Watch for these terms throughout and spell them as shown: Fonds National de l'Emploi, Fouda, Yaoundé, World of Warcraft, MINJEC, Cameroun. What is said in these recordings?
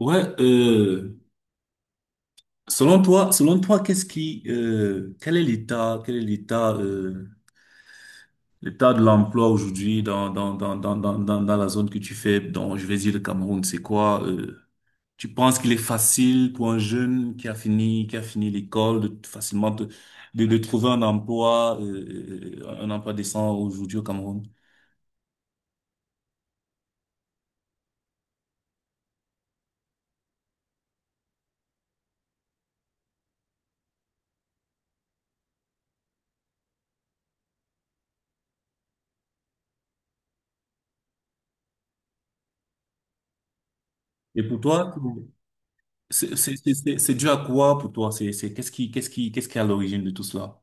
Ouais, selon toi, l'état de l'emploi aujourd'hui dans la zone que tu fais, dont je vais dire le Cameroun, c'est quoi, tu penses qu'il est facile pour un jeune qui a fini l'école facilement de trouver un emploi décent aujourd'hui au Cameroun? Et pour toi, c'est dû à quoi pour toi? Qu'est-ce qui est à l'origine de tout cela?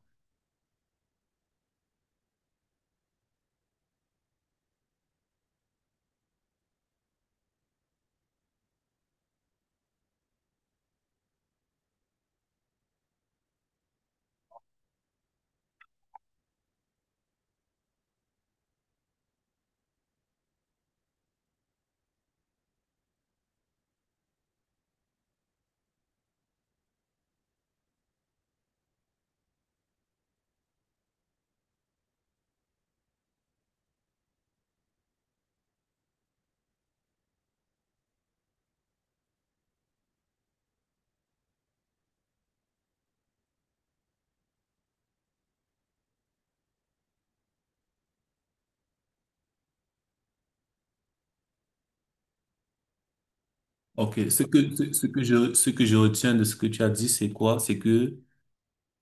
Ok, ce que je retiens de ce que tu as dit, c'est quoi? C'est que,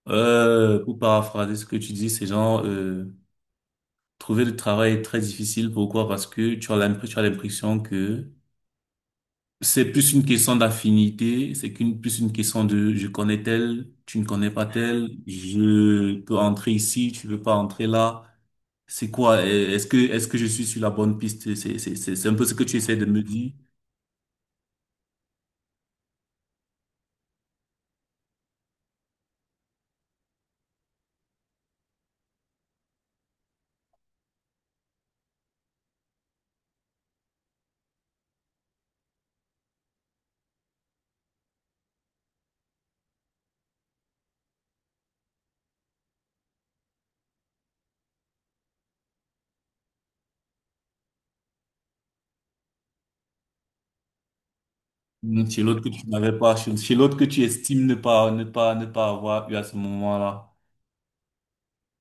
euh, Pour paraphraser ce que tu dis, c'est genre, trouver le travail est très difficile. Pourquoi? Parce que tu as l'impression que c'est plus une question d'affinité, plus une question de je connais tel, tu ne connais pas tel, je peux entrer ici, tu veux pas entrer là. C'est quoi? Est-ce que je suis sur la bonne piste? C'est un peu ce que tu essaies de me dire. Non, chez l'autre que tu n'avais pas, chez l'autre que tu estimes ne pas avoir eu à ce moment-là.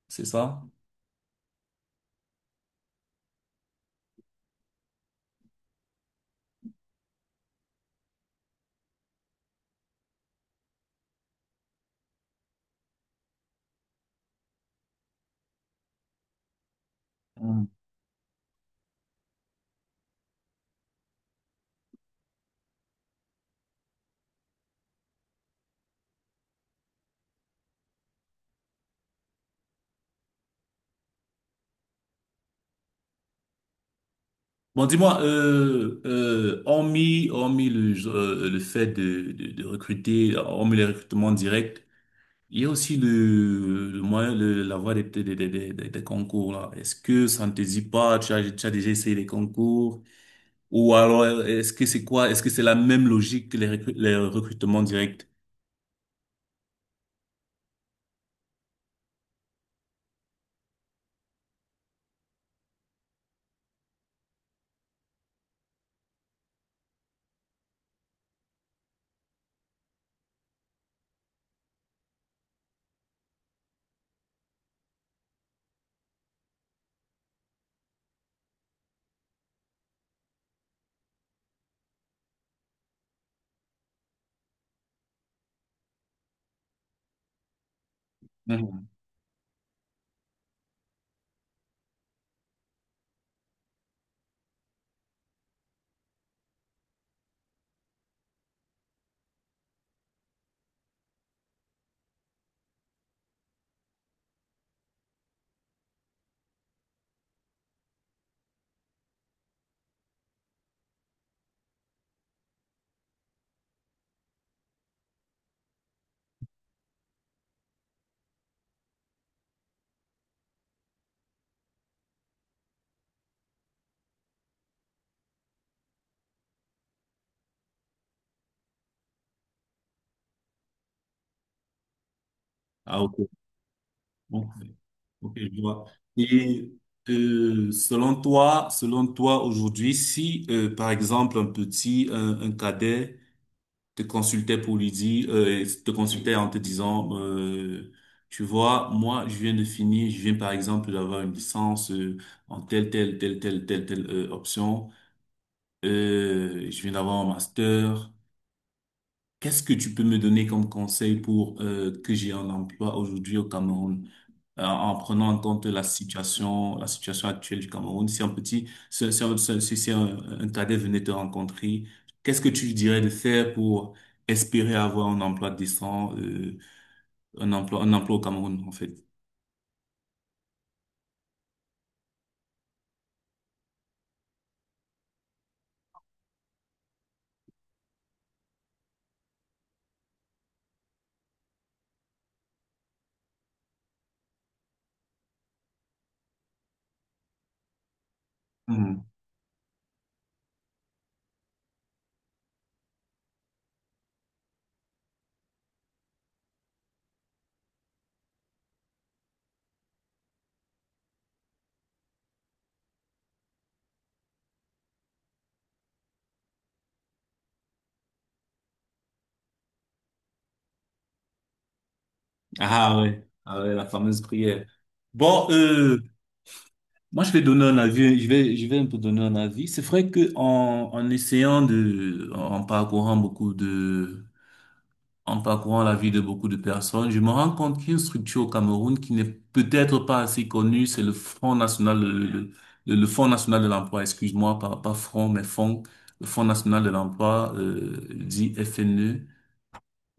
C'est ça? Mm. Bon, dis-moi, hormis le fait de recruter, hormis les recrutements directs, il y a aussi la voie des concours, là. Est-ce que ça ne te dit pas, tu as déjà essayé les concours? Ou alors, est-ce que c'est quoi? Est-ce que c'est la même logique que les recrutements directs? Mhm. Ah, ok. Bon. Ok, je vois. Et selon toi aujourd'hui, si par exemple un cadet te consultait pour lui dire, te consultait en te disant, tu vois, moi je viens de finir, je viens par exemple d'avoir une licence en telle telle telle telle telle telle option, je viens d'avoir un master. Qu'est-ce que tu peux me donner comme conseil pour que j'ai un emploi aujourd'hui au Cameroun? En prenant en compte la situation actuelle du Cameroun. Si un petit, si, si un, si- Un cadet venait te rencontrer, qu'est-ce que tu lui dirais de faire pour espérer avoir un emploi décent, un emploi au Cameroun, en fait? Mhm. Ah ouais, ah ouais, la fameuse prière. Bon, moi je vais donner un avis, je vais un peu donner un avis. C'est vrai que en essayant de, en parcourant beaucoup de en parcourant la vie de beaucoup de personnes, je me rends compte qu'il y a une structure au Cameroun qui n'est peut-être pas assez connue, c'est le Front National, le Fonds National de l'Emploi, excuse-moi, pas Front, mais Fonds, le Fonds National de l'Emploi, dit FNE,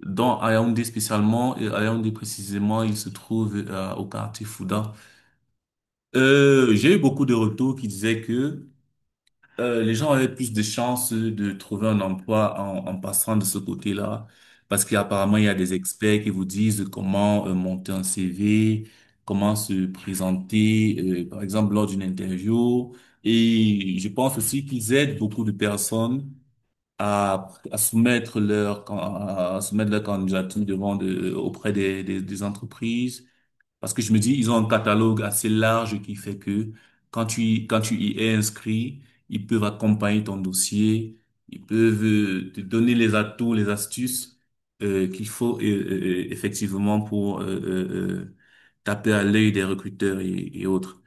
dont à Yaoundé spécialement, et à Yaoundé précisément, il se trouve au quartier Fouda. J'ai eu beaucoup de retours qui disaient que les gens avaient plus de chances de trouver un emploi en passant de ce côté-là, parce qu'apparemment, il y a des experts qui vous disent comment monter un CV, comment se présenter, par exemple, lors d'une interview. Et je pense aussi qu'ils aident beaucoup de personnes à soumettre leur candidature auprès des entreprises parce que je me dis, ils ont un catalogue assez large qui fait que quand tu y es inscrit, ils peuvent accompagner ton dossier, ils peuvent te donner les atouts, les astuces qu'il faut effectivement pour taper à l'œil des recruteurs et autres.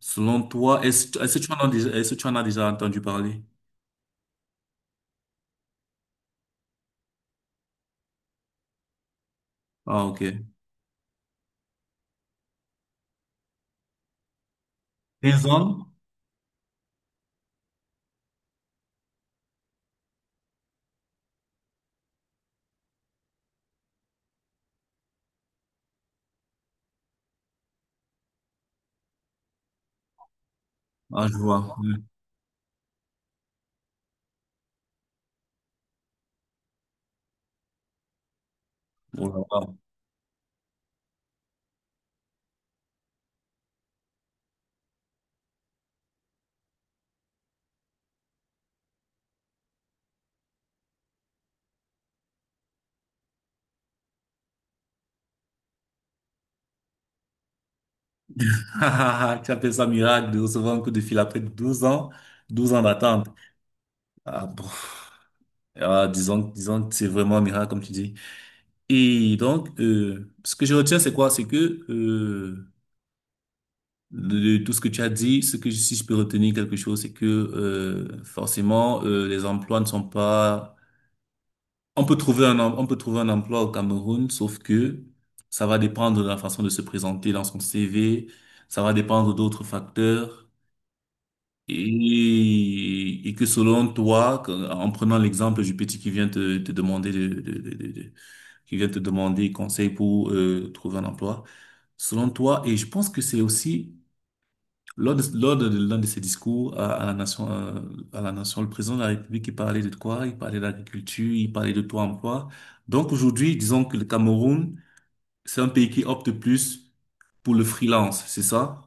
Selon toi, est-ce que tu en as déjà entendu parler? Ah, ok. Des hommes? Ah, je vois. Oui. Oh là là. Tu appelles ça miracle de recevoir un coup de fil après 12 ans d'attente. Ah bon. Ah, disons que c'est vraiment un miracle, comme tu dis. Et donc, ce que je retiens, c'est quoi? C'est que euh, de tout ce que tu as dit, si je peux retenir quelque chose, c'est que forcément, les emplois ne sont pas. On peut trouver un emploi au Cameroun, sauf que ça va dépendre de la façon de se présenter dans son CV, ça va dépendre d'autres facteurs. Et que selon toi, que- en prenant l'exemple du petit qui vient te demander de- qui vient te demander conseil pour trouver un emploi. Selon toi, et je pense que c'est aussi lors de l'un de ses discours à la nation, le président de la République, il parlait de quoi? Il parlait d'agriculture, il parlait de taux emploi. Donc aujourd'hui, disons que le Cameroun, c'est un pays qui opte plus pour le freelance, c'est ça?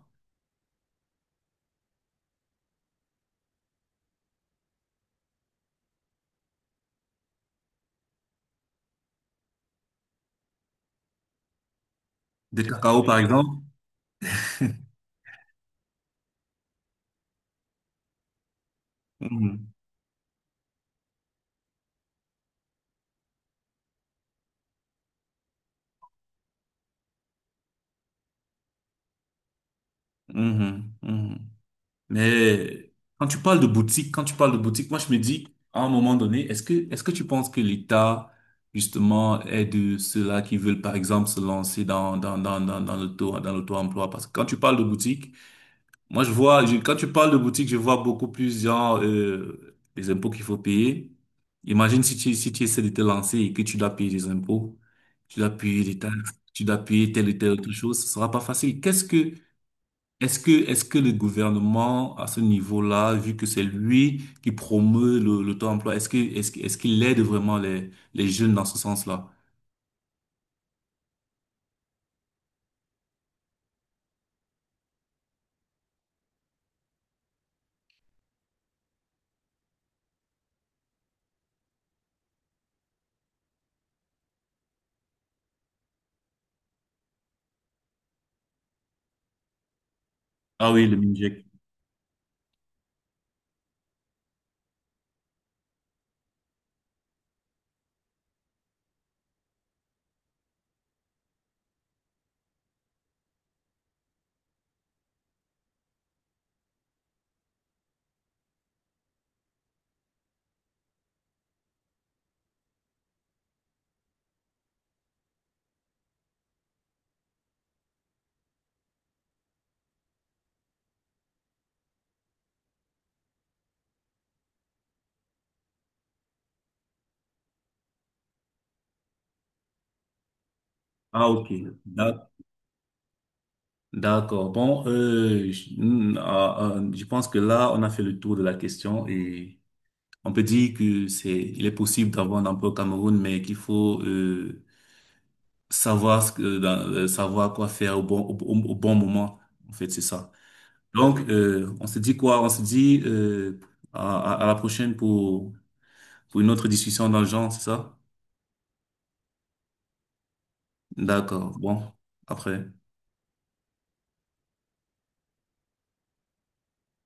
Des cacao, par exemple? Mhm, mhm, mhm. Mais quand tu parles de boutique, quand tu parles de boutique, moi je me dis, à un moment donné, est-ce que tu penses que l'État, justement, aide ceux-là qui veulent, par exemple, se lancer dans dans l'auto-emploi? Parce que quand tu parles de boutique, moi je vois, je- quand tu parles de boutique, je vois beaucoup plus, genre, les impôts qu'il faut payer. Imagine si tu essaies de te lancer et que tu dois payer des impôts, tu dois payer des taxes, tu dois payer telle ou telle autre chose, ce sera pas facile. Qu'est-ce que, est-ce que, est-ce que le gouvernement, à ce niveau-là, vu que c'est lui qui promeut le taux-emploi, est-ce qu'il aide vraiment les jeunes dans ce sens-là? Ah oui, le MINJEC. Ah, ok. D'ac- D'accord. Bon, je, hmm, ah, ah, je pense que là, on a fait le tour de la question et on peut dire que il est possible d'avoir un emploi au Cameroun, mais qu'il faut, savoir ce que, dans- savoir quoi faire au bon moment. En fait, c'est ça. Donc, on se dit quoi? On se dit à la prochaine pour une autre discussion dans le genre, c'est ça? D'accord. Bon, après.